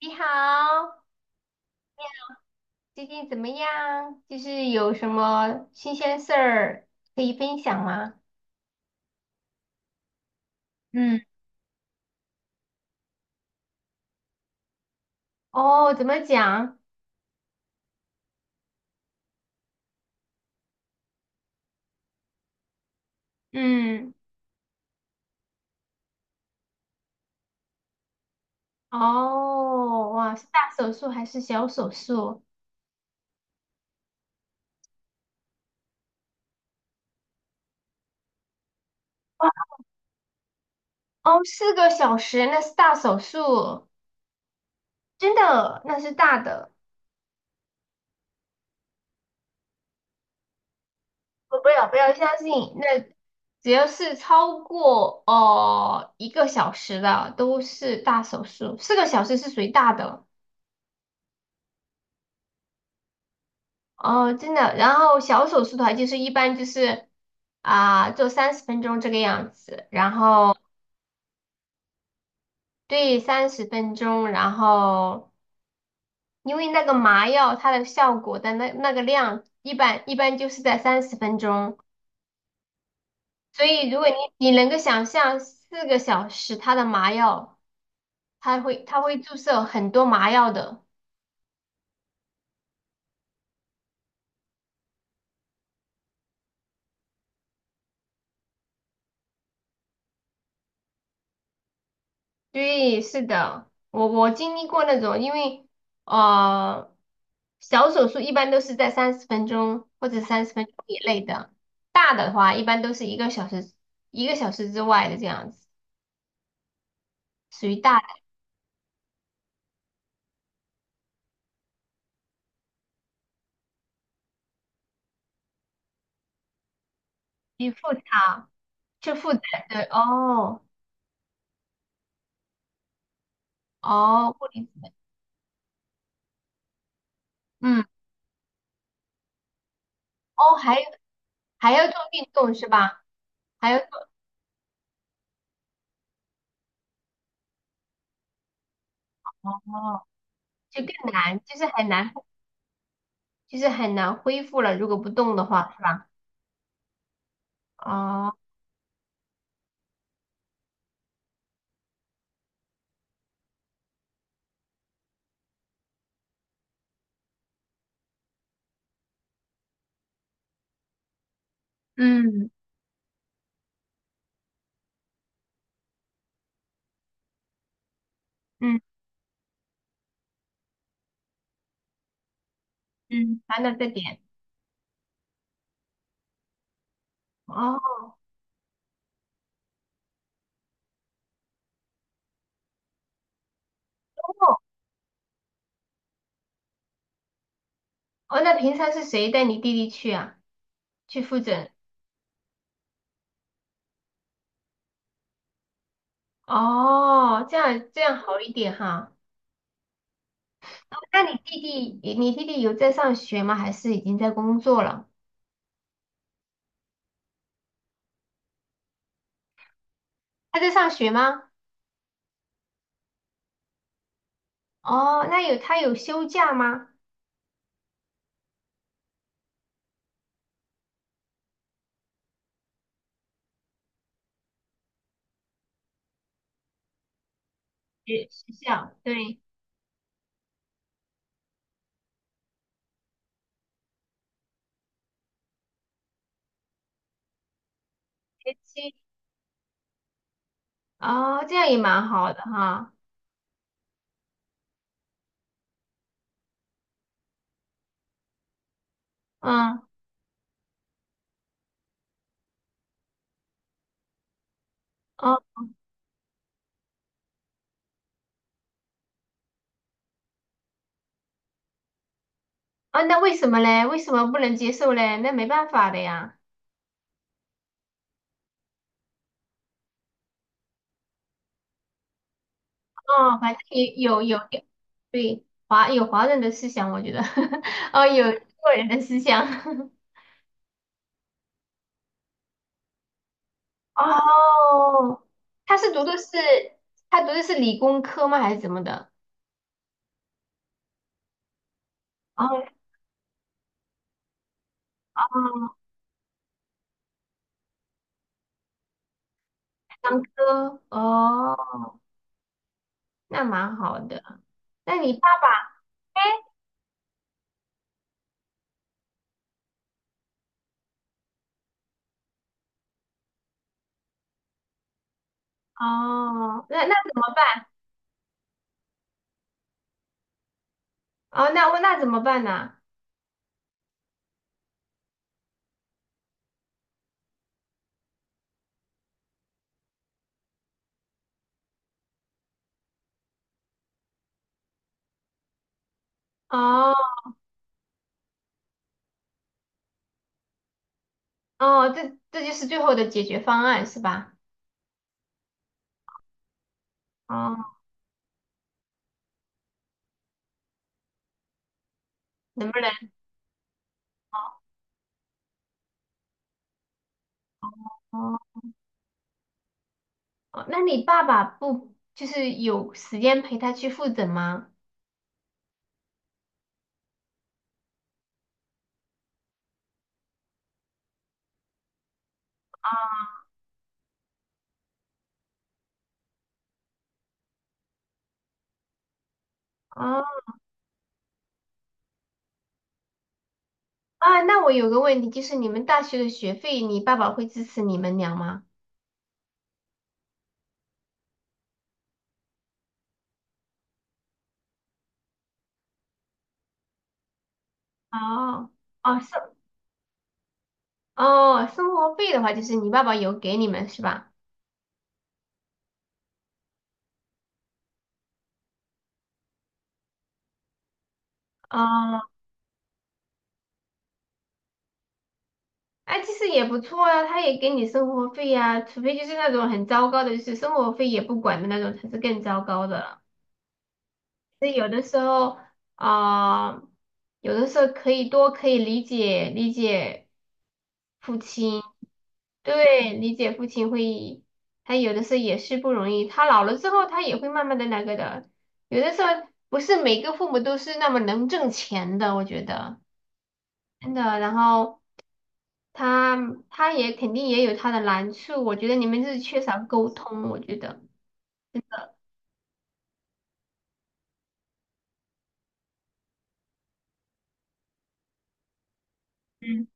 你好，最近怎么样？就是有什么新鲜事儿可以分享吗？嗯。哦，怎么讲？嗯。哦，哇，是大手术还是小手术？哇。哦，四个小时，那是大手术，真的，那是大的，我不要相信。那只要是超过一个小时的都是大手术，四个小时是属于大的。哦，真的。然后小手术的话，就是一般就是，做三十分钟这个样子，然后对，三十分钟，然后因为那个麻药它的效果的那个量，一般就是在三十分钟，所以如果你能够想象四个小时它的麻药，它会注射很多麻药的。对，是的，我经历过那种，因为。啊。小手术一般都是在三十分钟或者三十分钟以内的，大的话一般都是一个小时，一个小时之外的这样子，属于大的。去复查，去复诊。对，哦。哦，物理治疗。嗯。哦，还要做运动是吧？还要做。哦，就更难，就是很难，就是很难恢复了，如果不动的话，是吧？哦，嗯嗯嗯，谈到这点。哦。哦，那平常是谁带你弟弟去啊？去复诊？哦，这样这样好一点哈。那你弟弟，你弟弟有在上学吗？还是已经在工作了？他在上学吗？哦，那有他有休假吗？学校，对。学期。哦，这样也蛮好的哈。嗯。哦。哦，那为什么嘞？为什么不能接受嘞？那没办法的呀。哦，反正也有，对，华人的思想，我觉得。哦，有中国人的思想。哦，他是读的是，他读的是理工科吗？还是怎么的？哦。哦，商科哦，那蛮好的。那你爸爸。哦，那那怎么办？哦，那我那怎么办呢？哦。哦，这这就是最后的解决方案是吧？哦，能不能？哦。哦，那你爸爸不就是有时间陪他去复诊吗？哦。啊，那我有个问题，就是你们大学的学费，你爸爸会支持你们俩吗？哦。哦，哦，生活费的话，就是你爸爸有给你们是吧？哦。哎，其实也不错啊，他也给你生活费呀，除非就是那种很糟糕的，就是生活费也不管的那种，才是更糟糕的了。所以有的时候，啊、有的时候可以多可以理解理解父亲，对，理解父亲会，他有的时候也是不容易，他老了之后，他也会慢慢的那个的，有的时候不是每个父母都是那么能挣钱的，我觉得真的，然后他他也肯定也有他的难处，我觉得你们就是缺少沟通，我觉得。嗯。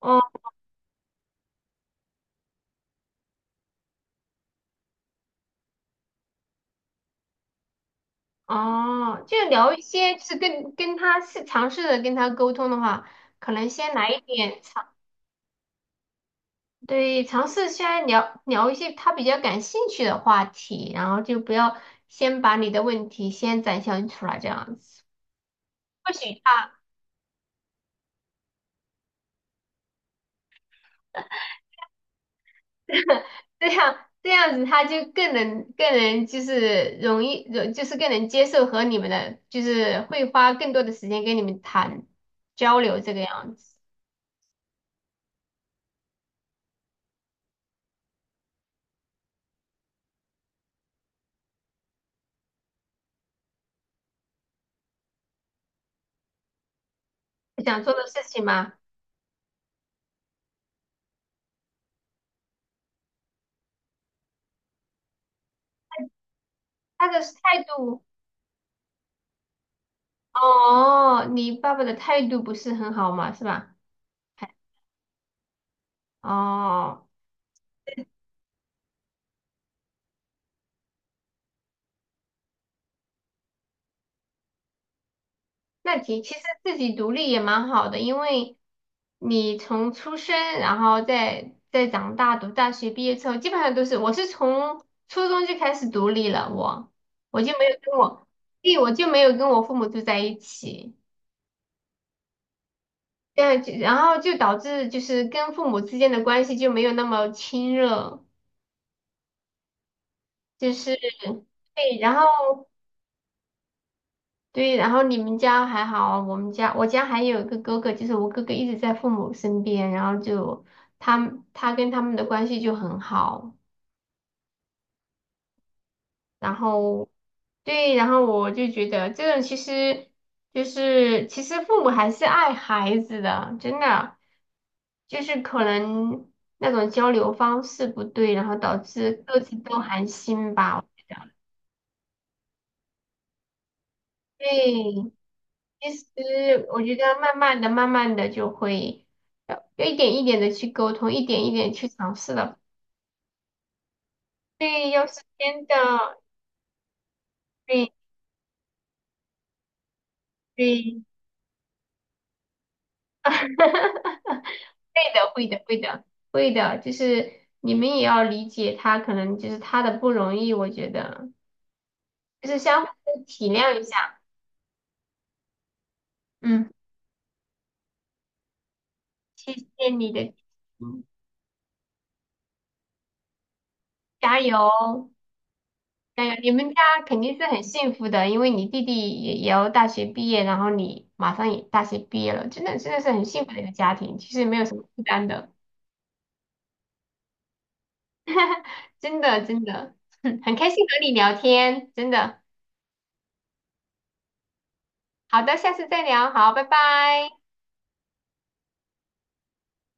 哦。哦，就聊一些，就是跟他是尝试着跟他沟通的话，可能先来一点尝。对，尝试先来聊聊一些他比较感兴趣的话题，然后就不要先把你的问题先展现出来，这样子，或许他，这样这样子，他就更能就是容易，容就是更能接受和你们的，就是会花更多的时间跟你们谈交流这个样子，你想做的事情吗？他的态度。哦，你爸爸的态度不是很好嘛，是吧？还，哦。那其实自己独立也蛮好的，因为你从出生，然后再长大，读大学毕业之后，基本上都是我是从初中就开始独立了，我，我就没有跟我，对，我就没有跟我父母住在一起。对，就然后就导致就是跟父母之间的关系就没有那么亲热，就是。对。然后对，然后你们家还好，我们家我家还有一个哥哥，就是我哥哥一直在父母身边，然后就他们，他跟他们的关系就很好，然后。对，然后我就觉得这种其实就是其实父母还是爱孩子的，真的，就是可能那种交流方式不对，然后导致各自都寒心吧。对。其实我觉得慢慢的、慢慢的就会，要一点一点的去沟通，一点一点去尝试了。对，要是真的，对对，会的，会的，会的，会的，就是你们也要理解他，可能就是他的不容易，我觉得就是相互体谅一下。嗯。谢谢你的。嗯。加油。哎呀，你们家肯定是很幸福的，因为你弟弟也要大学毕业，然后你马上也大学毕业了，真的真的是很幸福的一个家庭，其实没有什么负担的。真的真的。很开心和你聊天，真的。好的，下次再聊，好，拜拜。